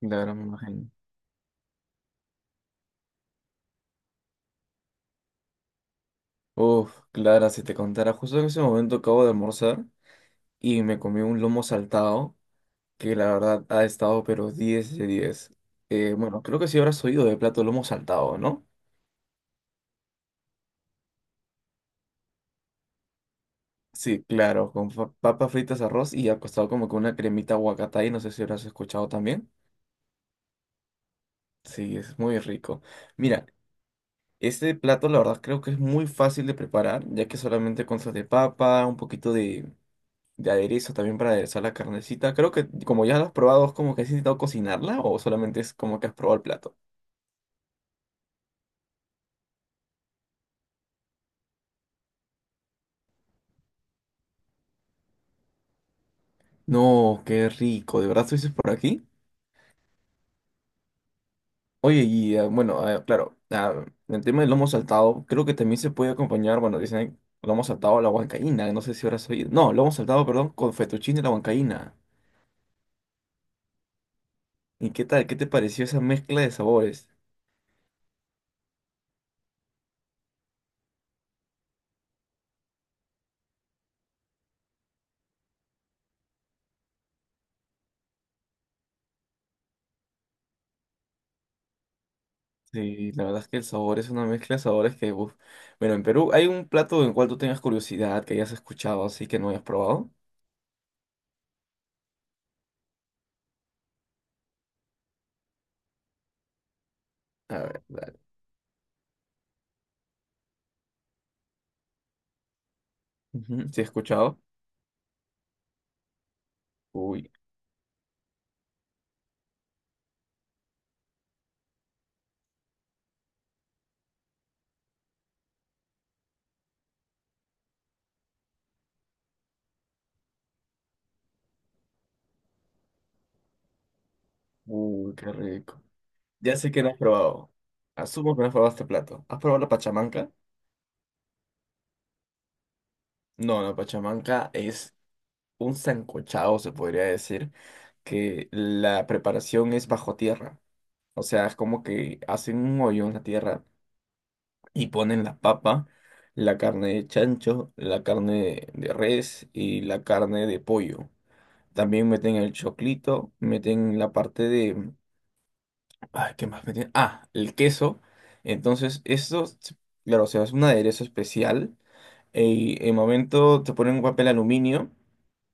Claro, me imagino. Uf, Clara, si te contara, justo en ese momento acabo de almorzar y me comí un lomo saltado que la verdad ha estado pero 10 de 10. Bueno, creo que sí habrás oído de plato lomo saltado, ¿no? Sí, claro, con papas fritas, arroz y acostado como con una cremita y no sé si habrás escuchado también. Sí, es muy rico. Mira, este plato la verdad creo que es muy fácil de preparar, ya que solamente consiste de papa, un poquito de aderezo también para aderezar la carnecita. Creo que como ya lo has probado, ¿es como que has intentado cocinarla o solamente es como que has probado el plato? No, qué rico, ¿de verdad estuviste por aquí? Oye, y bueno, claro, ah, el tema del lomo saltado, creo que también se puede acompañar, bueno, dicen lomo saltado a la huancaína, no sé si habrás oído. No, lomo saltado, perdón, con fettuccine a la huancaína. ¿Y qué tal? ¿Qué te pareció esa mezcla de sabores? Sí, la verdad es que el sabor es una mezcla de sabores que, uf. Bueno, en Perú, ¿hay un plato en cual tú tengas curiosidad, que hayas escuchado, así que no hayas probado? A ver, dale. Ujú, ¿sí he escuchado? Uy, uy, qué rico. Ya sé que no has probado. Asumo que no has probado este plato. ¿Has probado la pachamanca? No, la pachamanca es un sancochado, se podría decir, que la preparación es bajo tierra. O sea, es como que hacen un hoyo en la tierra y ponen la papa, la carne de chancho, la carne de res y la carne de pollo. También meten el choclito, meten la parte de. Ay, ¿qué más metí? Ah, el queso. Entonces, esto, claro, se hace un aderezo especial. Y en momento te ponen un papel aluminio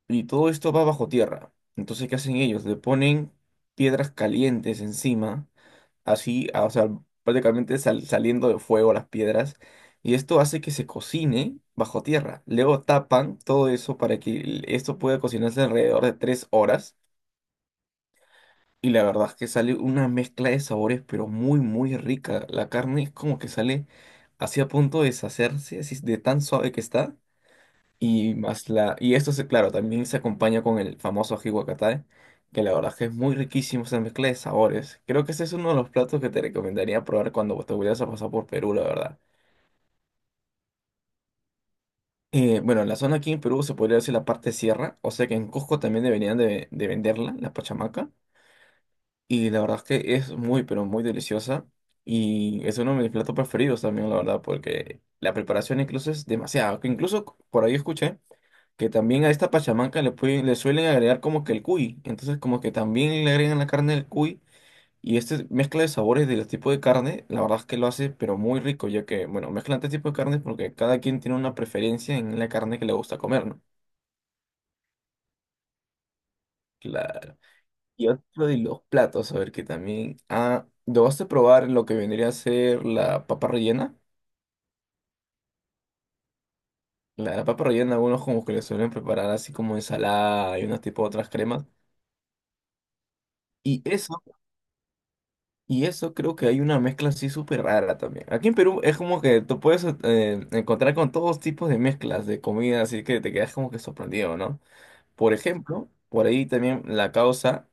y todo esto va bajo tierra. Entonces, ¿qué hacen ellos? Le ponen piedras calientes encima, así, ah, o sea, prácticamente saliendo de fuego las piedras. Y esto hace que se cocine bajo tierra. Luego tapan todo eso para que esto pueda cocinarse alrededor de 3 horas. Y la verdad es que sale una mezcla de sabores, pero muy, muy rica. La carne es como que sale así a punto de deshacerse, así de tan suave que está. Y más la, y esto se, claro, también se acompaña con el famoso ají guacatay, que la verdad es que es muy riquísimo esa mezcla de sabores. Creo que ese es uno de los platos que te recomendaría probar cuando te vayas a pasar por Perú, la verdad. Bueno, en la zona aquí en Perú se podría decir la parte sierra, o sea que en Cusco también deberían de venderla, la pachamaca. Y la verdad es que es muy, pero muy deliciosa. Y es uno de mis platos preferidos también, la verdad, porque la preparación incluso es demasiado. Que incluso por ahí escuché que también a esta pachamanca le, le suelen agregar como que el cuy. Entonces como que también le agregan la carne del cuy. Y esta mezcla de sabores de los tipos de carne, la verdad es que lo hace, pero muy rico, ya que, bueno, mezclan este tipo de carnes porque cada quien tiene una preferencia en la carne que le gusta comer, ¿no? Claro. Y otro de los platos, a ver que también. Ah, ¿lo vas a probar lo que vendría a ser la papa rellena? La papa rellena, algunos como que le suelen preparar así como ensalada y unas tipo otras cremas. Y eso, y eso creo que hay una mezcla así súper rara también. Aquí en Perú es como que tú puedes encontrar con todos tipos de mezclas de comida, así que te quedas como que sorprendido, ¿no? Por ejemplo, por ahí también la causa.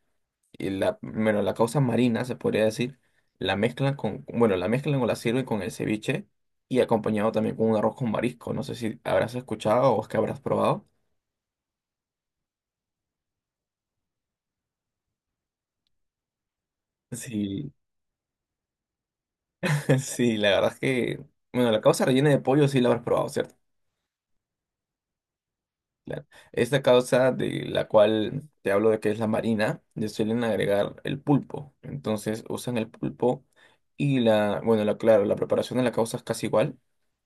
Y la, bueno, la causa marina, se podría decir, la mezclan con, bueno, la mezclan o la sirven con el ceviche y acompañado también con un arroz con marisco. No sé si habrás escuchado o es que habrás probado. Sí, sí, la verdad es que, bueno, la causa rellena de pollo sí la habrás probado, ¿cierto? Claro. Esta causa de la cual te hablo de que es la marina, le suelen agregar el pulpo. Entonces usan el pulpo y la, bueno, la, claro, la preparación de la causa es casi igual,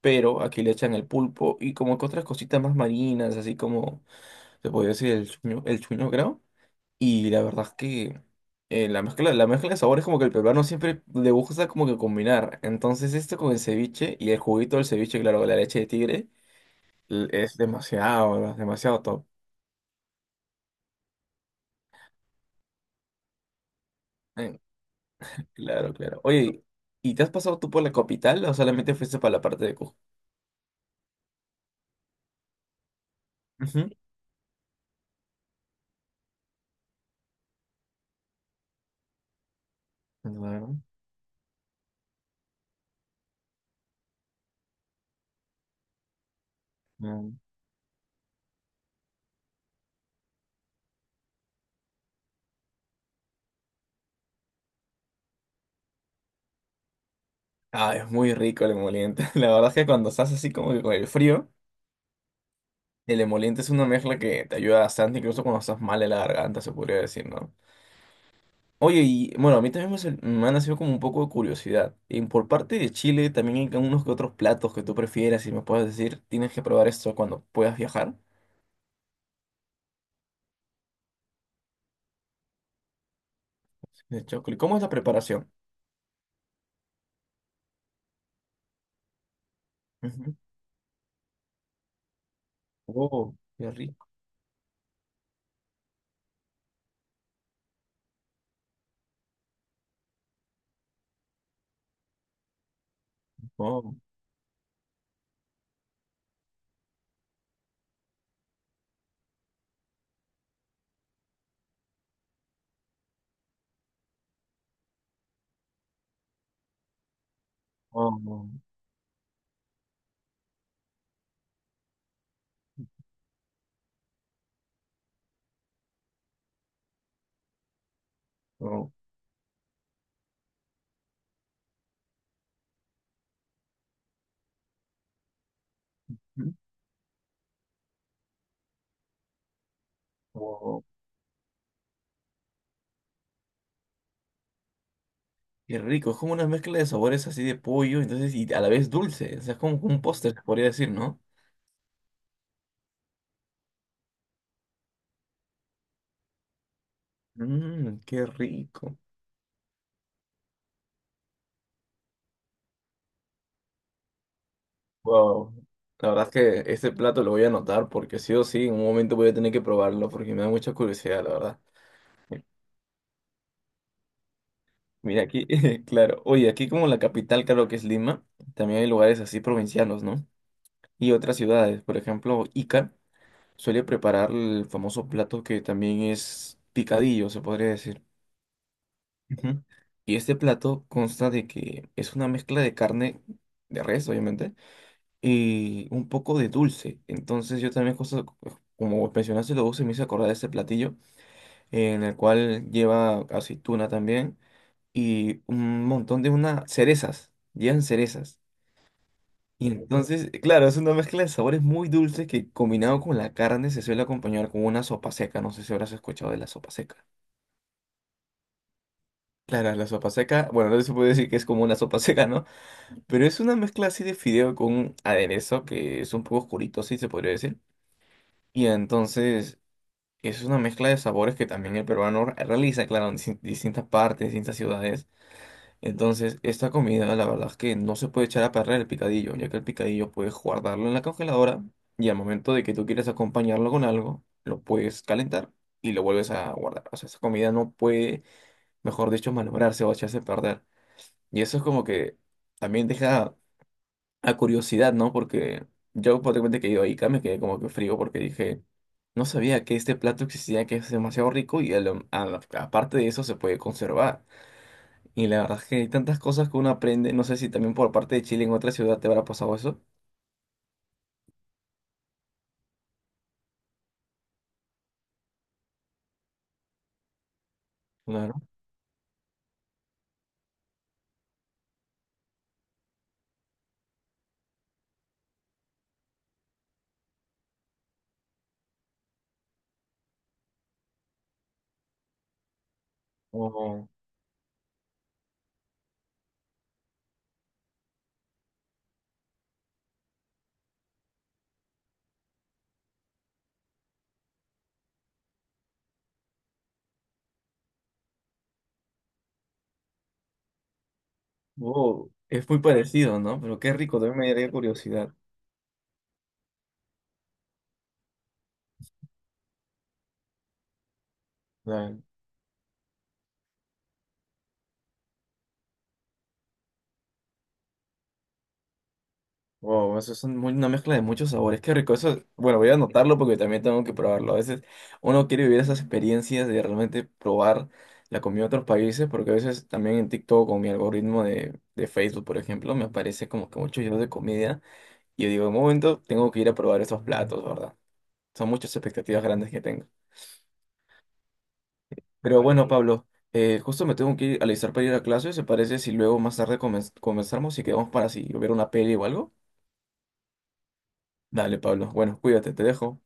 pero aquí le echan el pulpo y como que otras cositas más marinas, así como se podría decir el chuño, creo. Y la verdad es que la mezcla de sabores como que el peruano siempre le gusta como que combinar. Entonces esto con el ceviche y el juguito del ceviche, claro, con la leche de tigre, es demasiado, demasiado top. Eh, Claro, claro. Oye, ¿y te has pasado tú por la capital o solamente fuiste para la parte de Cusco? Ujú. Claro, no. Ah, es muy rico el emoliente. La verdad es que cuando estás así como que con el frío, el emoliente es una mezcla que te ayuda bastante, incluso cuando estás mal en la garganta, se podría decir, ¿no? Oye, y bueno, a mí también me ha nacido como un poco de curiosidad. Y por parte de Chile, también hay unos que otros platos que tú prefieras y me puedes decir, tienes que probar esto cuando puedas viajar. De chocolate. ¿Cómo es la preparación? Ujú. Oh, qué rico. Oh, oh, oh, mm, oh, qué rico, es como una mezcla de sabores así de pollo, entonces, y a la vez dulce, o sea, es como un póster, se podría decir, ¿no? Mmm, qué rico. Wow, la verdad es que este plato lo voy a anotar porque sí o sí, en un momento voy a tener que probarlo porque me da mucha curiosidad, la verdad. Eh, Mira, aquí, claro, oye, aquí como la capital, claro que es Lima, también hay lugares así provincianos, ¿no? Y otras ciudades, por ejemplo, Ica suele preparar el famoso plato que también es picadillo, se podría decir. Ujú. Y este plato consta de que es una mezcla de carne de res, obviamente, y un poco de dulce. Entonces yo también, como mencionaste lo dulce, me hice acordar de este platillo, en el cual lleva aceituna también y un montón de unas cerezas, llevan cerezas. Y entonces, claro, es una mezcla de sabores muy dulces que combinado con la carne se suele acompañar con una sopa seca. No sé si habrás escuchado de la sopa seca. Claro, la sopa seca, bueno, no se puede decir que es como una sopa seca, ¿no? Pero es una mezcla así de fideo con un aderezo que es un poco oscurito, sí se podría decir. Y entonces es una mezcla de sabores que también el peruano realiza, claro, en distintas partes, distintas ciudades. Entonces, esta comida, la verdad es que no se puede echar a perder el picadillo, ya que el picadillo puedes guardarlo en la congeladora y al momento de que tú quieras acompañarlo con algo, lo puedes calentar y lo vuelves a guardar. O sea, esa comida no puede, mejor dicho, malograrse o echarse a perder. Y eso es como que también deja a curiosidad, ¿no? Porque yo por repente que he ido a Ica me quedé como que frío porque dije, no sabía que este plato existía, que es demasiado rico y a lo- a la- aparte de eso se puede conservar. Y la verdad es que hay tantas cosas que uno aprende, no sé si también por parte de Chile en otra ciudad te habrá pasado eso. Claro. O o es muy parecido, ¿no? Pero qué rico, también me daría curiosidad. Wow, eso es una mezcla de muchos sabores. Qué rico. Eso, bueno, voy a anotarlo porque también tengo que probarlo. A veces uno quiere vivir esas experiencias de realmente probar la comida de otros países, porque a veces también en TikTok o mi algoritmo de Facebook, por ejemplo, me aparece como que muchos videos de comida. Y yo digo, en un momento, tengo que ir a probar esos platos, ¿verdad? Son muchas expectativas grandes que tengo. Pero bueno, Pablo, justo me tengo que ir a alistar para ir a clase. ¿Se parece si luego más tarde comenzamos y quedamos para si ver una peli o algo? Dale, Pablo. Bueno, cuídate, te dejo.